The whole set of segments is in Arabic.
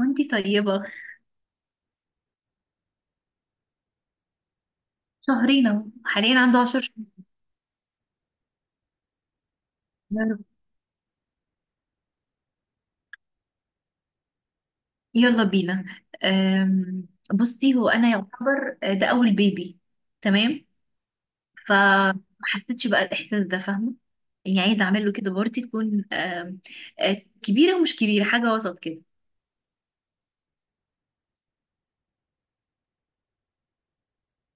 وانتي طيبة. شهرين اهو، حاليا عنده 10 شهور. يا رب. يلا بينا. أم، بصي، هو انا يعتبر ده اول بيبي. تمام. فما حسيتش بقى الاحساس ده، فاهمة؟ يعني عايزة اعمل له كده بارتي تكون كبيرة ومش كبيرة، حاجة وسط كده.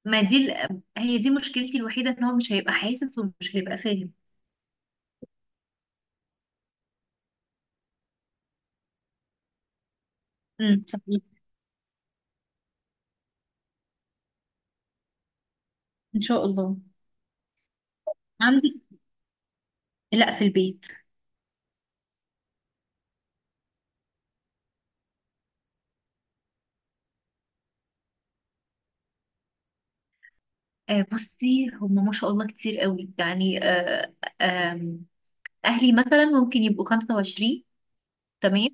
ما دي هي دي مشكلتي الوحيدة، ان هو مش هيبقى حاسس ومش هيبقى فاهم. صحيح. ان شاء الله. عندي. لا، في البيت. بصي هم ما شاء الله كتير قوي يعني. آه اهلي مثلا ممكن يبقوا 25. تمام.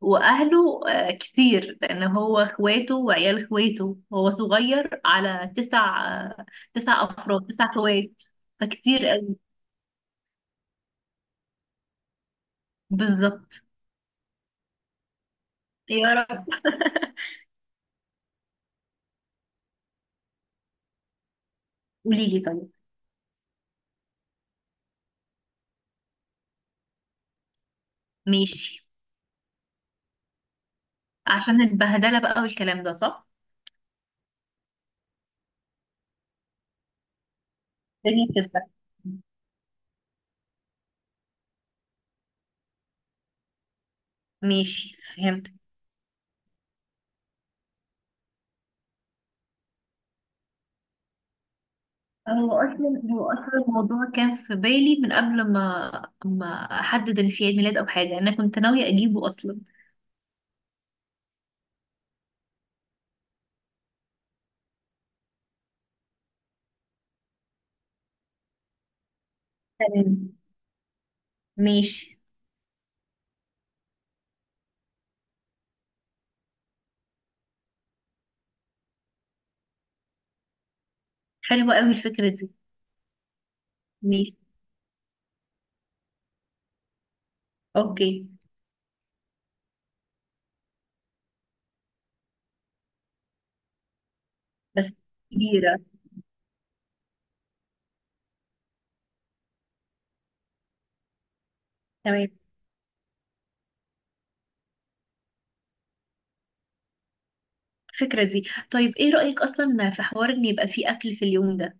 واهله كتير لان هو اخواته وعيال اخواته، هو صغير على تسع، تسع افراد، تسع اخوات. فكتير قوي. بالظبط. يا رب. قولي لي، طيب. ماشي. عشان البهدله بقى والكلام ده، صح. الدنيا بتتبهدل. ماشي، فهمت. هو اصلا الموضوع كان في بالي من قبل ما احدد ان في عيد ميلاد او حاجه. انا كنت ناويه اجيبه اصلا. تمام. ماشي. حلوة قوي الفكرة دي. ماشي. اوكي. بس كبيرة. تمام. الفكرة دي. طيب، ايه رأيك اصلا في حوار ان يبقى فيه اكل في اليوم ده؟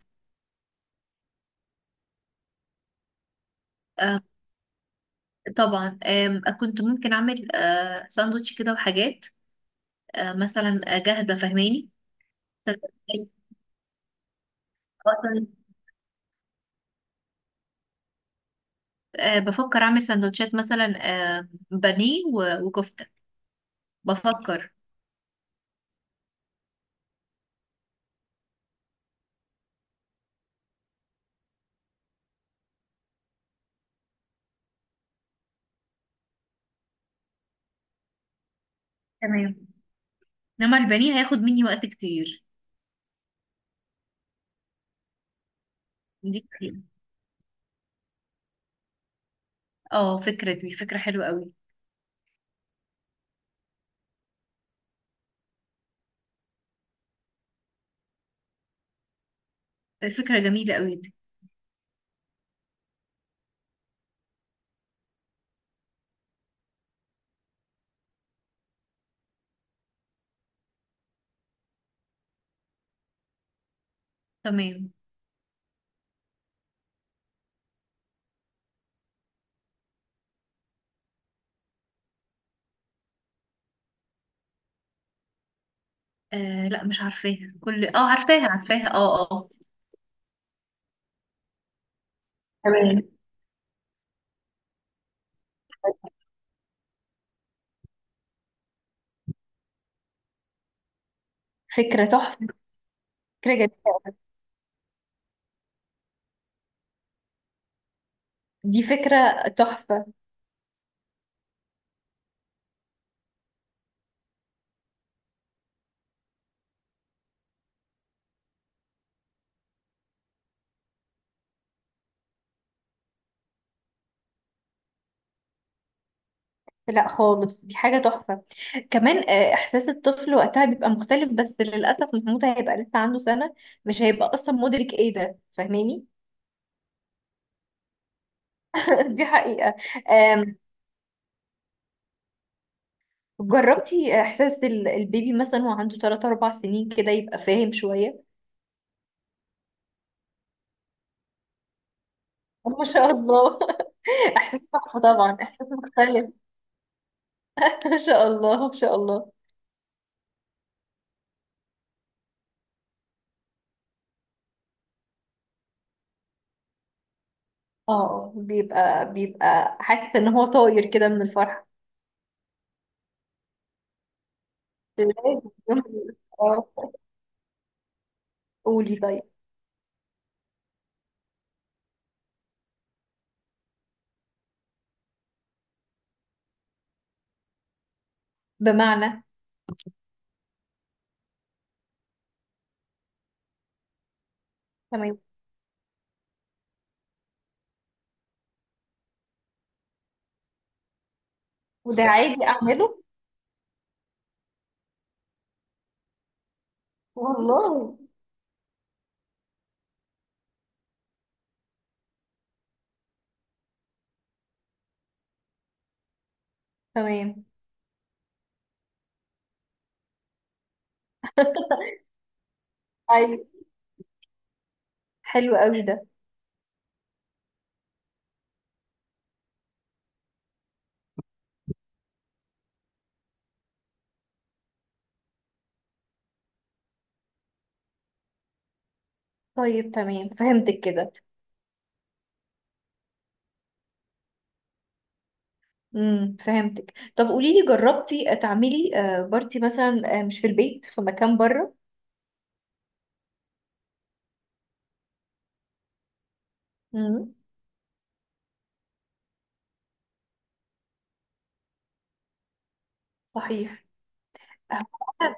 آه طبعا، كنت ممكن اعمل ساندوتش كده وحاجات، مثلا جاهزة، فاهماني؟ سندوتشات، اصلا. بفكر اعمل سندوتشات مثلا. بانيه وكفتة. بفكر. تمام. انما البانيه هياخد مني وقت كتير. دي كتير. اه، فكرة دي فكرة حلوة قوي. فكرة جميلة قوي دي. تمام. لا، مش عارفاها. كل عارفاها، عارفاها. اه، اه. تمام. فكرة تحفة. فكرة جميلة. دي فكرة تحفة. لا خالص، دي حاجة تحفة. كمان إحساس الطفل وقتها بيبقى مختلف، بس للأسف محمود هيبقى لسه عنده سنة. مش هيبقى أصلا مدرك إيه ده، فاهماني؟ دي حقيقة. آم، جربتي إحساس البيبي مثلا وهو عنده 3 4 سنين كده يبقى فاهم شوية؟ ما شاء الله. إحساس تحفة طبعا، إحساس مختلف. ما شاء الله، ما شاء الله. اه، بيبقى حاسس ان هو طاير كده من الفرحة. لازم. يوم- اه، قولي طيب. بمعنى؟ تمام. وده عادي اعمله؟ والله. تمام. ايوه. حلو قوي ده. طيب، تمام، فهمتك كده. فهمتك. طب قولي لي، جربتي تعملي بارتي مثلا مش في البيت، في مكان بره؟ امم صحيح.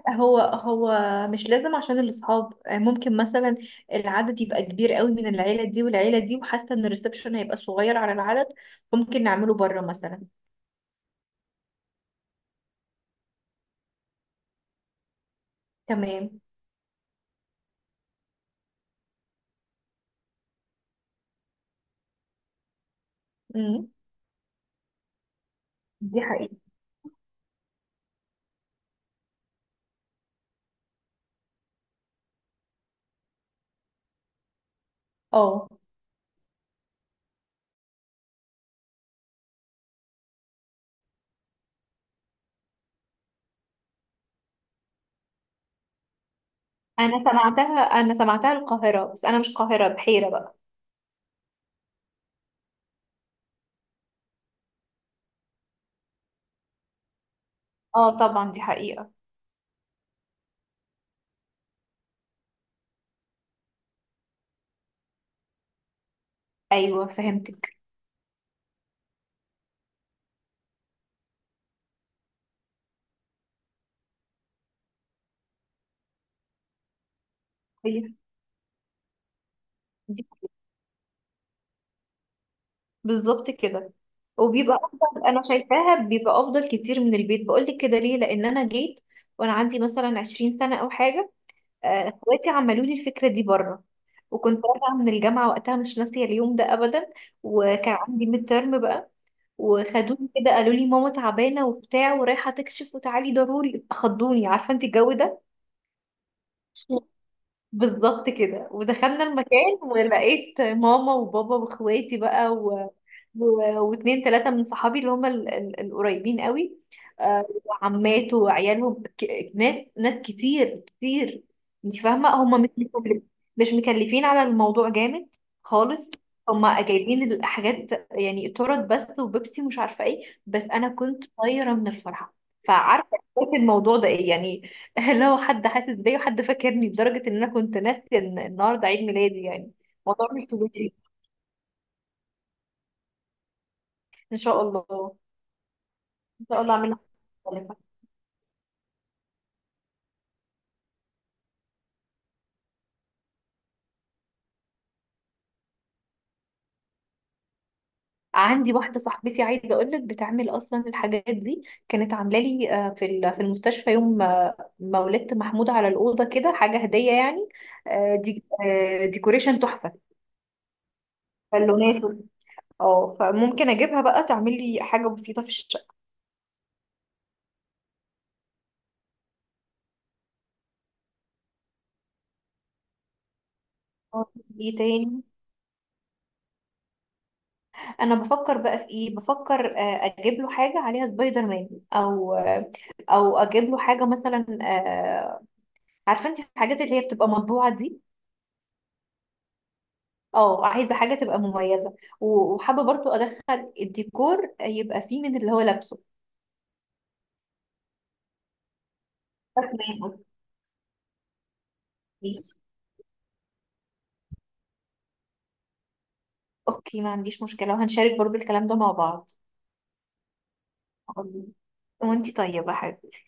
هو مش لازم، عشان الأصحاب ممكن مثلا العدد يبقى كبير قوي من العيلة دي والعيلة دي، وحاسة ان الريسبشن هيبقى صغير على العدد. ممكن نعمله بره مثلا. تمام. امم دي حقيقة. اه، انا سمعتها القاهرة. بس انا مش القاهرة، بحيرة بقى. اه طبعا، دي حقيقة. ايوه، فهمتك. هي دي- بالظبط كده. وبيبقى افضل، انا شايفاها بيبقى افضل كتير من البيت. بقولك كده ليه، لان انا جيت وانا عندي مثلا 20 سنة او حاجة، اخواتي عملوا لي الفكره دي بره. وكنت راجعه من الجامعه وقتها، مش ناسيه اليوم ده ابدا. وكان عندي ميد ترم بقى، وخدوني كده، قالوا لي ماما تعبانه وبتاع ورايحه تكشف وتعالي ضروري. خضوني، عارفه انت الجو ده. بالظبط كده، ودخلنا المكان ولقيت ماما وبابا واخواتي بقى، و... واتنين تلاتة من صحابي اللي هم القريبين قوي، وعماته وعيالهم، ناس ناس كتير كتير. انت فاهمة؟ هم مش مكلفين على الموضوع جامد خالص. هم جايبين الحاجات يعني تورت بس وبيبسي، مش عارفة ايه، بس انا كنت طايرة من الفرحة. فعارفة إحساس الموضوع ده ايه يعني. اللي هو حد حاسس بيا وحد فاكرني، لدرجة ان انا كنت ناسية ان النهاردة عيد ميلادي يعني. موضوع مش طبيعي. ان شاء الله. ان شاء الله اعملها مختلفة. عندي واحدة صاحبتي عايزة اقول لك، بتعمل اصلا الحاجات دي. كانت عاملة لي في في المستشفى يوم ما ولدت محمود، على الأوضة كده حاجة هدية يعني. دي ديكوريشن تحفة. بالونات اه، فممكن اجيبها بقى تعمل لي حاجة بسيطة في الشقة. ايه تاني؟ انا بفكر بقى في ايه. بفكر اجيب له حاجه عليها سبايدر مان، او او اجيب له حاجه مثلا عارفه انت الحاجات اللي هي بتبقى مطبوعه دي. اه، عايزه حاجه تبقى مميزه، وحابه برضو ادخل الديكور يبقى فيه من اللي هو لابسه. فاهمين قصدي؟ اوكي، ما عنديش مشكله وهنشارك برضو الكلام ده مع بعض. أوكي. وانتي طيبه يا حبيبتي.